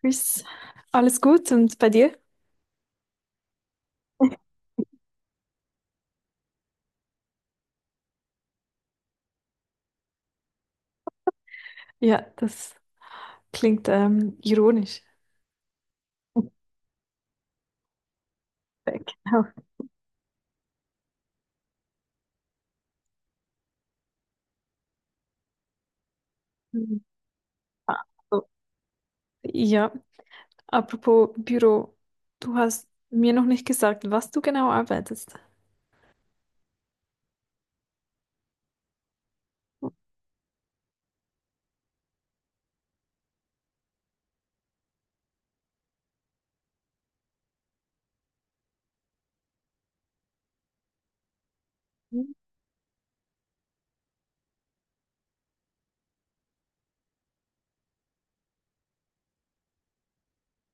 Tschüss. Alles gut und bei dir? Ja, das klingt ironisch. Genau. Mhm. Ah, so. Ja, apropos Büro, du hast mir noch nicht gesagt, was du genau arbeitest. Mhm.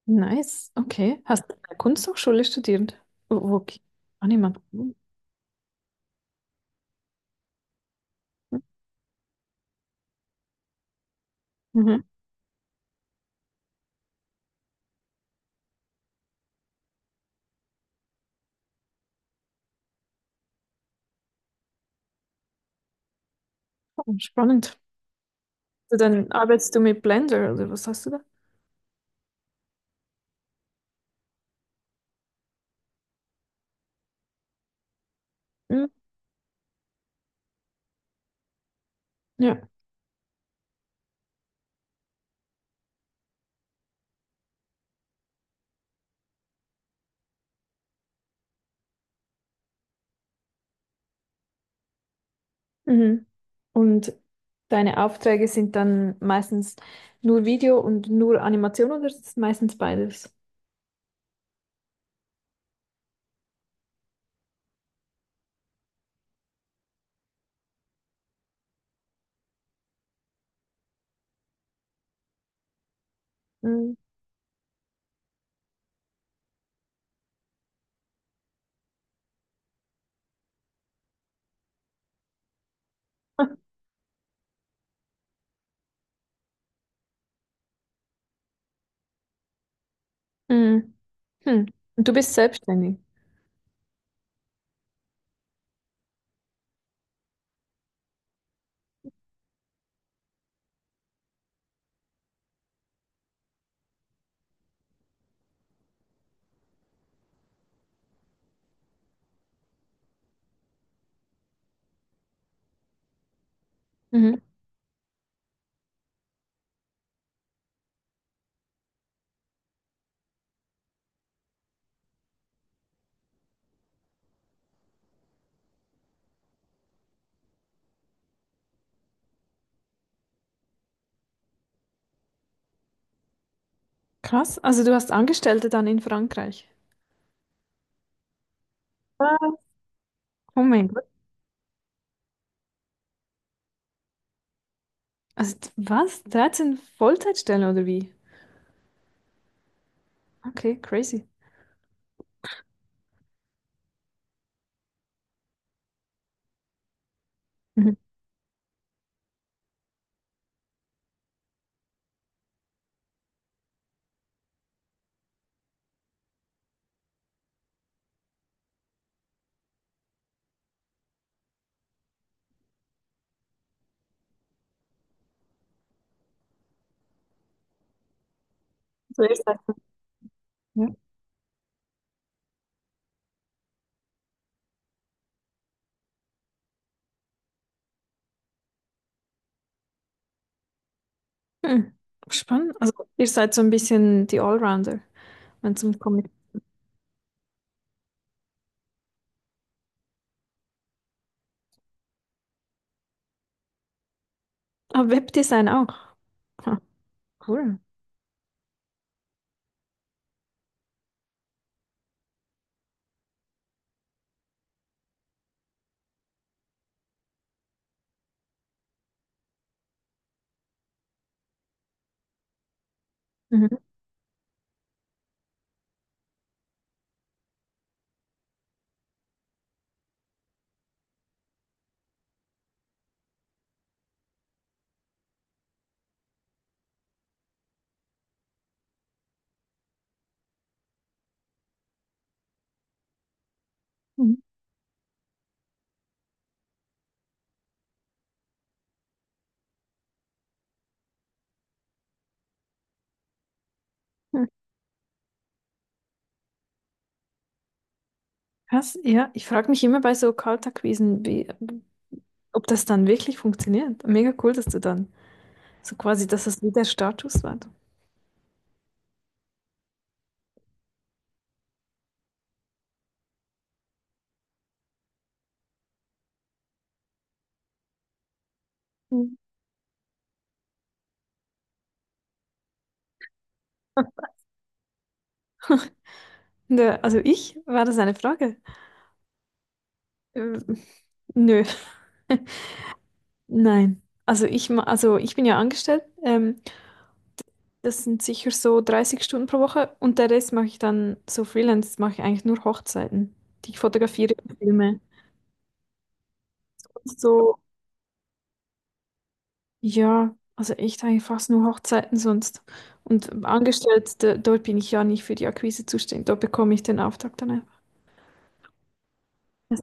Nice, okay. Hast du an der Kunsthochschule studiert? Oh, okay. Ah, niemand. Mhm. Mhm. Oh, spannend. Also dann arbeitest du mit Blender oder was hast du da? Mhm. Ja. Mhm. Und deine Aufträge sind dann meistens nur Video und nur Animation oder ist es meistens beides? Mhm. Mhm. Hm. Und du bist selbstständig. Mhm. Krass. Also du hast Angestellte dann in Frankreich. Was? Oh mein Gott. Also was? 13 Vollzeitstellen oder wie? Okay, crazy. Mhm. So ihr seid ja. Hm. Spannend. Also ihr seid so ein bisschen die Allrounder, wenn es um Comic. Ah, Webdesign auch. Ha, cool. Mhm. Mhm. Krass, ja. Ich frage mich immer bei so Kaltakquisen, wie, ob das dann wirklich funktioniert. Mega cool, dass du dann so quasi, dass das wieder Status war. Mhm. Nö, also ich, war das eine Frage? Ähm, nö, nein. Also also ich bin ja angestellt. Das sind sicher so 30 Stunden pro Woche und der Rest mache ich dann so Freelance, mache ich eigentlich nur Hochzeiten, die ich fotografiere und filme. So ja, also echt eigentlich fast nur Hochzeiten sonst. Und angestellt, da, dort bin ich ja nicht für die Akquise zuständig. Dort bekomme ich den Auftrag dann einfach. Das-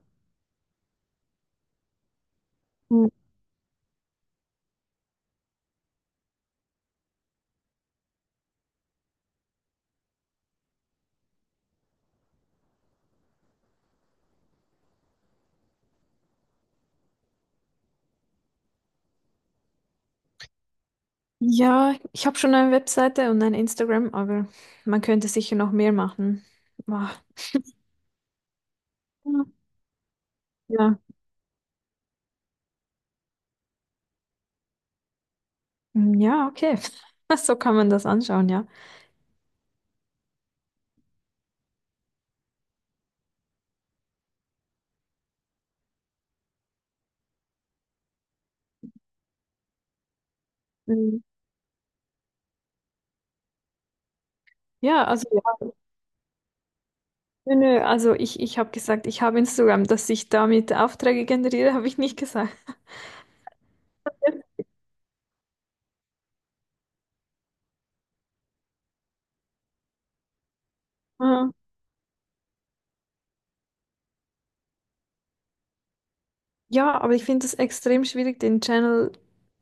ja, ich habe schon eine Webseite und ein Instagram, aber man könnte sicher noch mehr machen. Ah, ja, hm, ja, okay. So kann man das anschauen, ja. Hm, ja, also ja. Nö, nö, also ich habe gesagt, ich habe Instagram, dass ich damit Aufträge generiere, habe ich nicht gesagt. Ja, aber ich finde es extrem schwierig, den Channel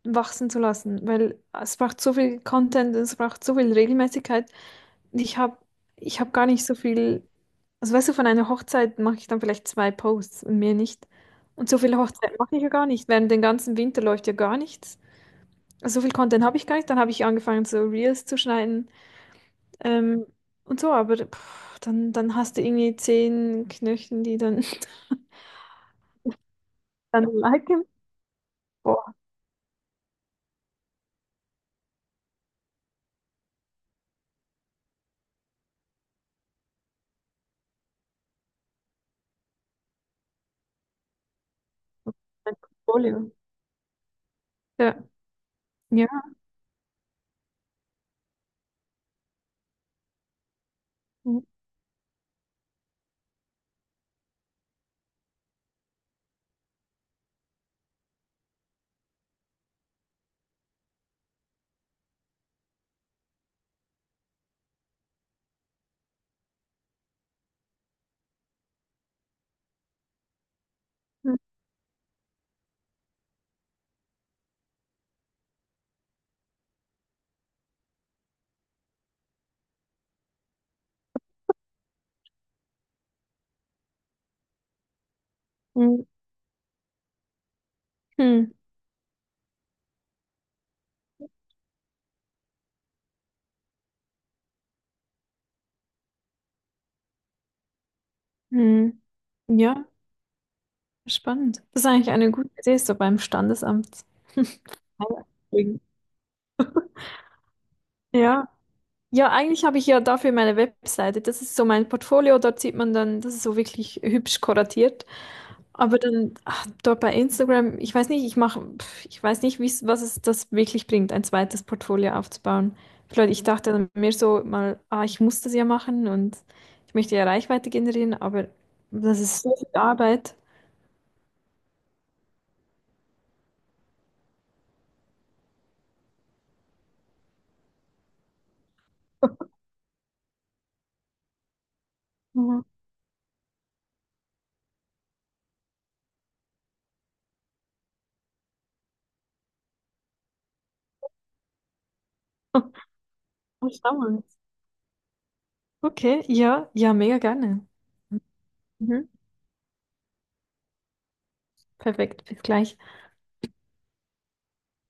wachsen zu lassen, weil es braucht so viel Content, es braucht so viel Regelmäßigkeit. Ich habe ich hab gar nicht so viel, also weißt du, von einer Hochzeit mache ich dann vielleicht 2 Posts und mehr nicht. Und so viele Hochzeiten mache ich ja gar nicht. Während den ganzen Winter läuft ja gar nichts. Also so viel Content habe ich gar nicht. Dann habe ich angefangen, so Reels zu schneiden ähm, und so, aber pff, dann hast du irgendwie 10 Knöchen, die dann, dann liken. Boah, ein Portfolio. Ja. Ja. Mhm. Mhm. Hm. Hm. Ja, spannend. Das ist eigentlich eine gute Idee, so beim Standesamt einzubringen. Ja. Ja, eigentlich habe ich ja dafür meine Webseite. Das ist so mein Portfolio, dort sieht man dann, das ist so wirklich hübsch kuratiert. Aber dann ach, dort bei Instagram, ich weiß nicht, ich mache, pf, ich weiß nicht, wie's, was es das wirklich bringt, ein zweites Portfolio aufzubauen. Vielleicht, ich dachte dann mehr so mal, ah, ich muss das ja machen und ich möchte ja Reichweite generieren, aber das ist so viel Arbeit. Mhm. Ach, damals. Okay, ja, ja, mega gerne. Mhm. Perfekt, bis gleich.